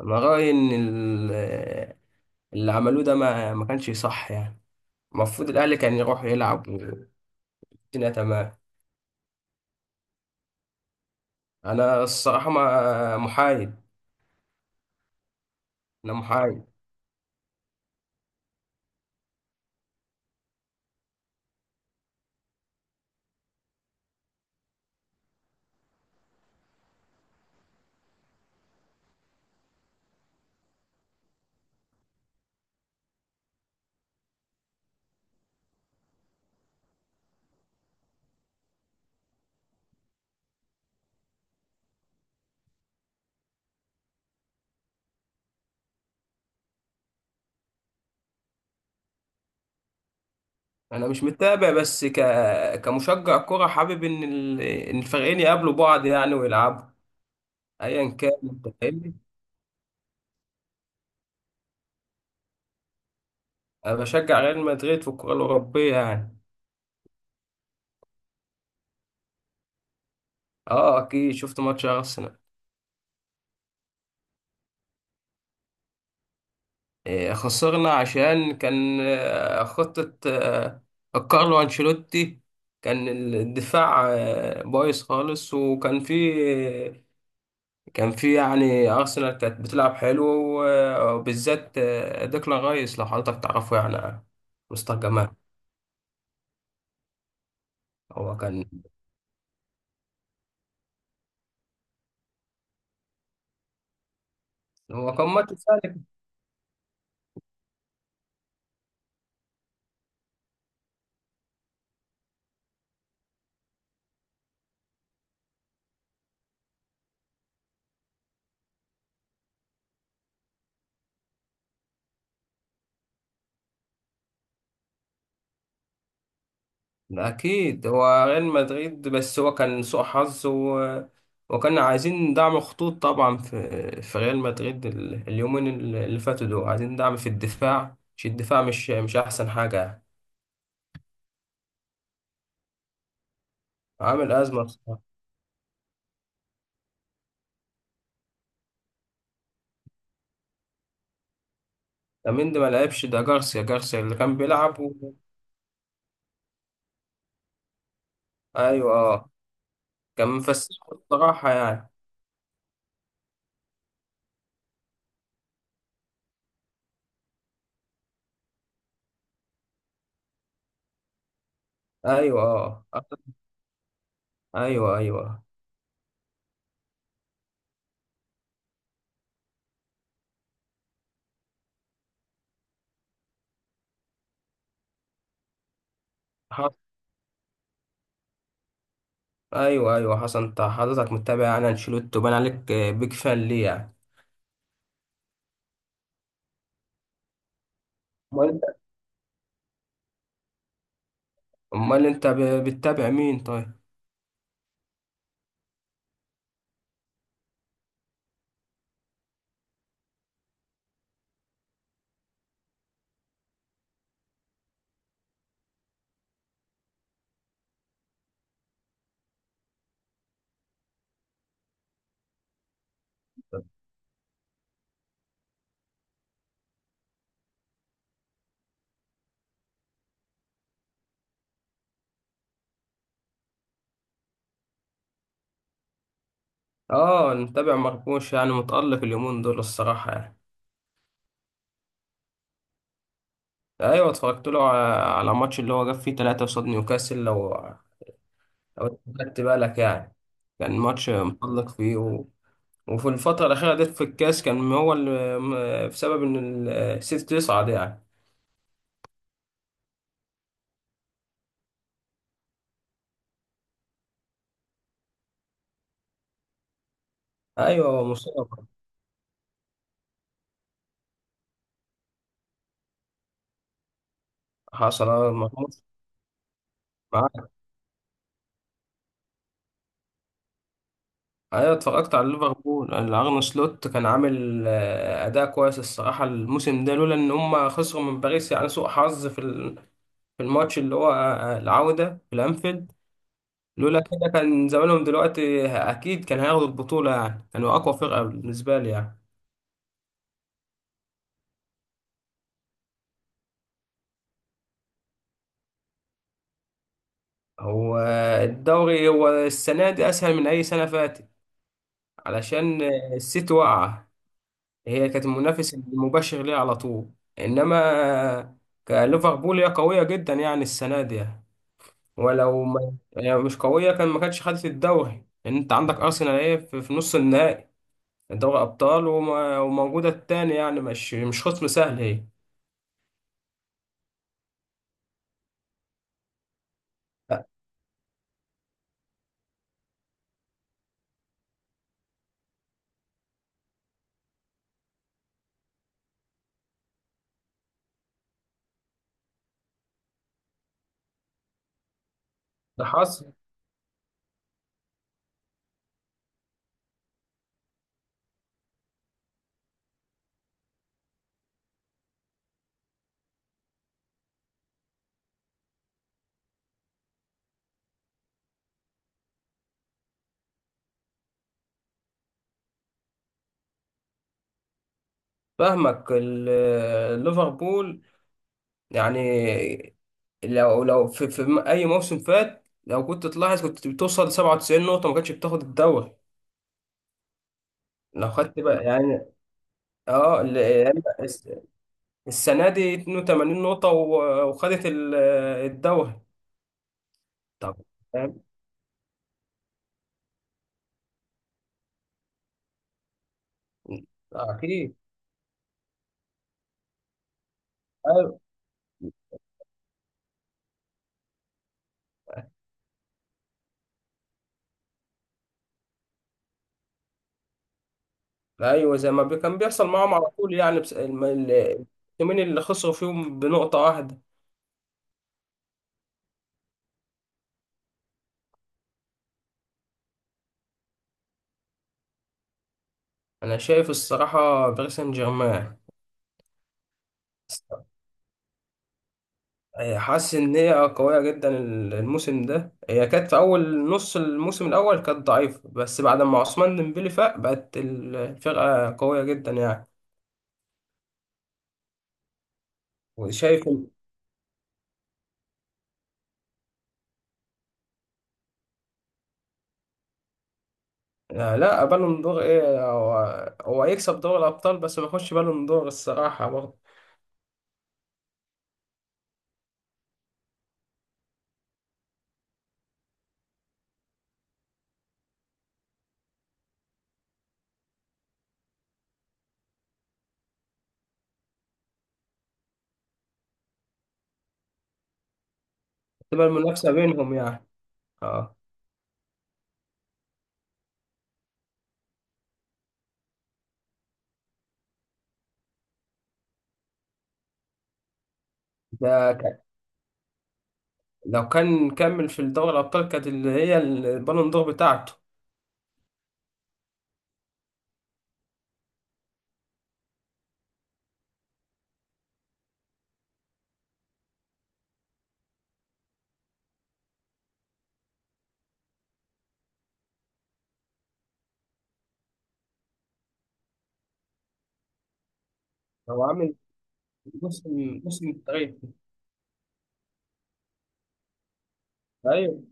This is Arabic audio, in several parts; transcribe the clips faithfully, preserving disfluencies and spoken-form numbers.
انا رايي ان ال- اللي عملوه ده ما ما كانش صح يعني. المفروض الاهلي كان يروح يلعب والدنيا تمام. انا الصراحه ما محايد. انا محايد. انا مش متابع بس ك... كمشجع كره حابب ان ال... ان الفريقين يقابلوا بعض يعني ويلعبوا ايا كان انت فاهمني. انا بشجع ريال مدريد في الكره الاوروبيه يعني. اه اكيد شفت ماتش ارسنال. آه، خسرنا عشان كان آه، خطة آه، كارلو أنشيلوتي كان الدفاع آه، بايظ خالص وكان في آه، كان في يعني أرسنال كانت بتلعب حلو و- وبالذات آه، ديكلان رايس لو حضرتك تعرفه يعني. مستر جمال. هو كان هو كان ماتش سهل. أكيد هو ريال مدريد بس هو كان سوء حظ و... وكان عايزين دعم خطوط طبعا في في ريال مدريد ال- اليومين اللي فاتوا دول عايزين دعم في الدفاع، مش الدفاع مش مش أحسن حاجة يعني. عامل أزمة بصراحة. لامين دي ما لعبش، ده جارسيا جارسيا اللي كان بيلعب و... أيوه أه. كان مفسح بصراحة يعني. أيوه أه. أيوه أيوه. حص... أيوه أيوه حسن. أنت حضرتك متابع يعني أنشيلوتي وبان عليك بيج فان ليه يعني. امال انت ب- بتتابع مين طيب؟ اه متابع مرموش، يعني متألق اليومين دول الصراحة يعني. ايوه اتفرجت له ع- على ماتش اللي هو جاب فيه ثلاثة قصاد نيوكاسل، لو لو خدت بالك يعني. كان ماتش متألق فيه و... وفي الفترة الأخيرة ديت في الكاس كان هو اللي م- بسبب إن السيتي تصعد يعني. أيوه مصاب. حصل آه، مرموش. انا اتفرجت على ليفربول، الارن سلوت كان عامل آه، اداء كويس الصراحه الموسم ده لولا ان هم خسروا من باريس يعني سوء حظ في ال- في الماتش اللي هو آه، آه، العوده في الانفيلد. لولا كده كان زمانهم دلوقتي اكيد كان هياخدوا البطوله يعني، كانوا اقوى فرقه بالنسبه لي يعني. هو الدوري هو السنه دي اسهل من اي سنه فاتت علشان آه، السيتي واقعه. هي كانت المنافس المباشر ليها على طول. انما آه، كليفربول هي قويه جدا يعني السنه دي يعني. ولو ما يعني مش قوية كان ما كانتش خدت الدوري، لأن أنت عندك أرسنال إيه في في نص النهائي دوري أبطال وما- وموجودة التاني يعني مش مش خصم سهل هي. لا، ده حصل. فاهمك ال- ليفربول يعني لو لو في, في م- أي موسم فات لو كنت تلاحظ كنت بتوصل سبعة وتسعين نقطة ما كانتش بتاخد الدوري. لو خدت بقى يعني اه ال- يعني الس- السنة دي اتنين وتمانين نقطة و- وخدت ال- الدوري. طب اكيد. ايوه ايوه، زي ما بي- كان بيحصل معاهم على طول يعني، بس الم- ال- التيمين اللي خسروا فيهم بنقطة واحدة. انا شايف الصراحة باريس سان جيرمان. هي حاسس ان هي قوية جدا ال- الموسم ده، هي كانت في اول نص الموسم الاول كانت ضعيفة بس بعد ما عثمان ديمبلي فاق بقت ال- الفرقة قوية جدا يعني. وشايف إن- آه، لا بالون دور ايه هو، هو هيكسب دوري الابطال بس ما يخش بالون دور الصراحة برضه. تبقى المنافسة بينهم يعني. اه. ده كان لو كان كمل في دوري الأبطال كانت اللي هي البالون دور بتاعته. هو عامل موسم موسم تاريخي. أيوة.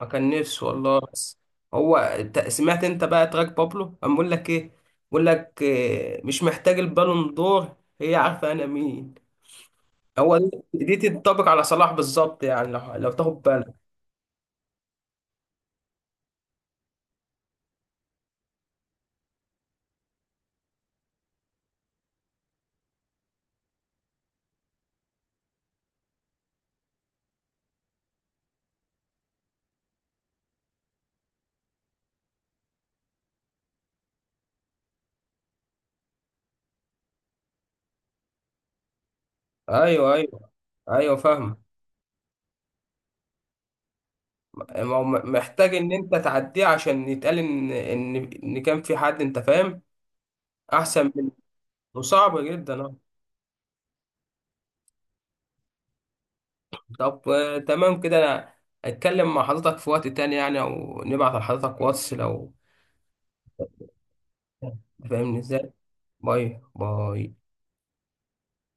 ما كان نفسه والله. بس هو أنت سمعت أنت بقى تراك بابلو قام بيقول لك إيه؟ بيقول لك إيه، مش محتاج البالون دور هي عارفة أنا مين. هو دي، دي تنطبق على صلاح بالظبط يعني لو لو تاخد بالك. أيوه أيوه. ايوه فاهم. ما هو م- محتاج ان انت تعديه عشان يتقال ان ان ان كان في حد، انت فاهم. احسن. وصعب جدا آه. طب آه، تمام كده. انا اتكلم مع حضرتك في وقت تاني يعني او نبعت لحضرتك واتس لو. فاهمني ازاي. باي باي.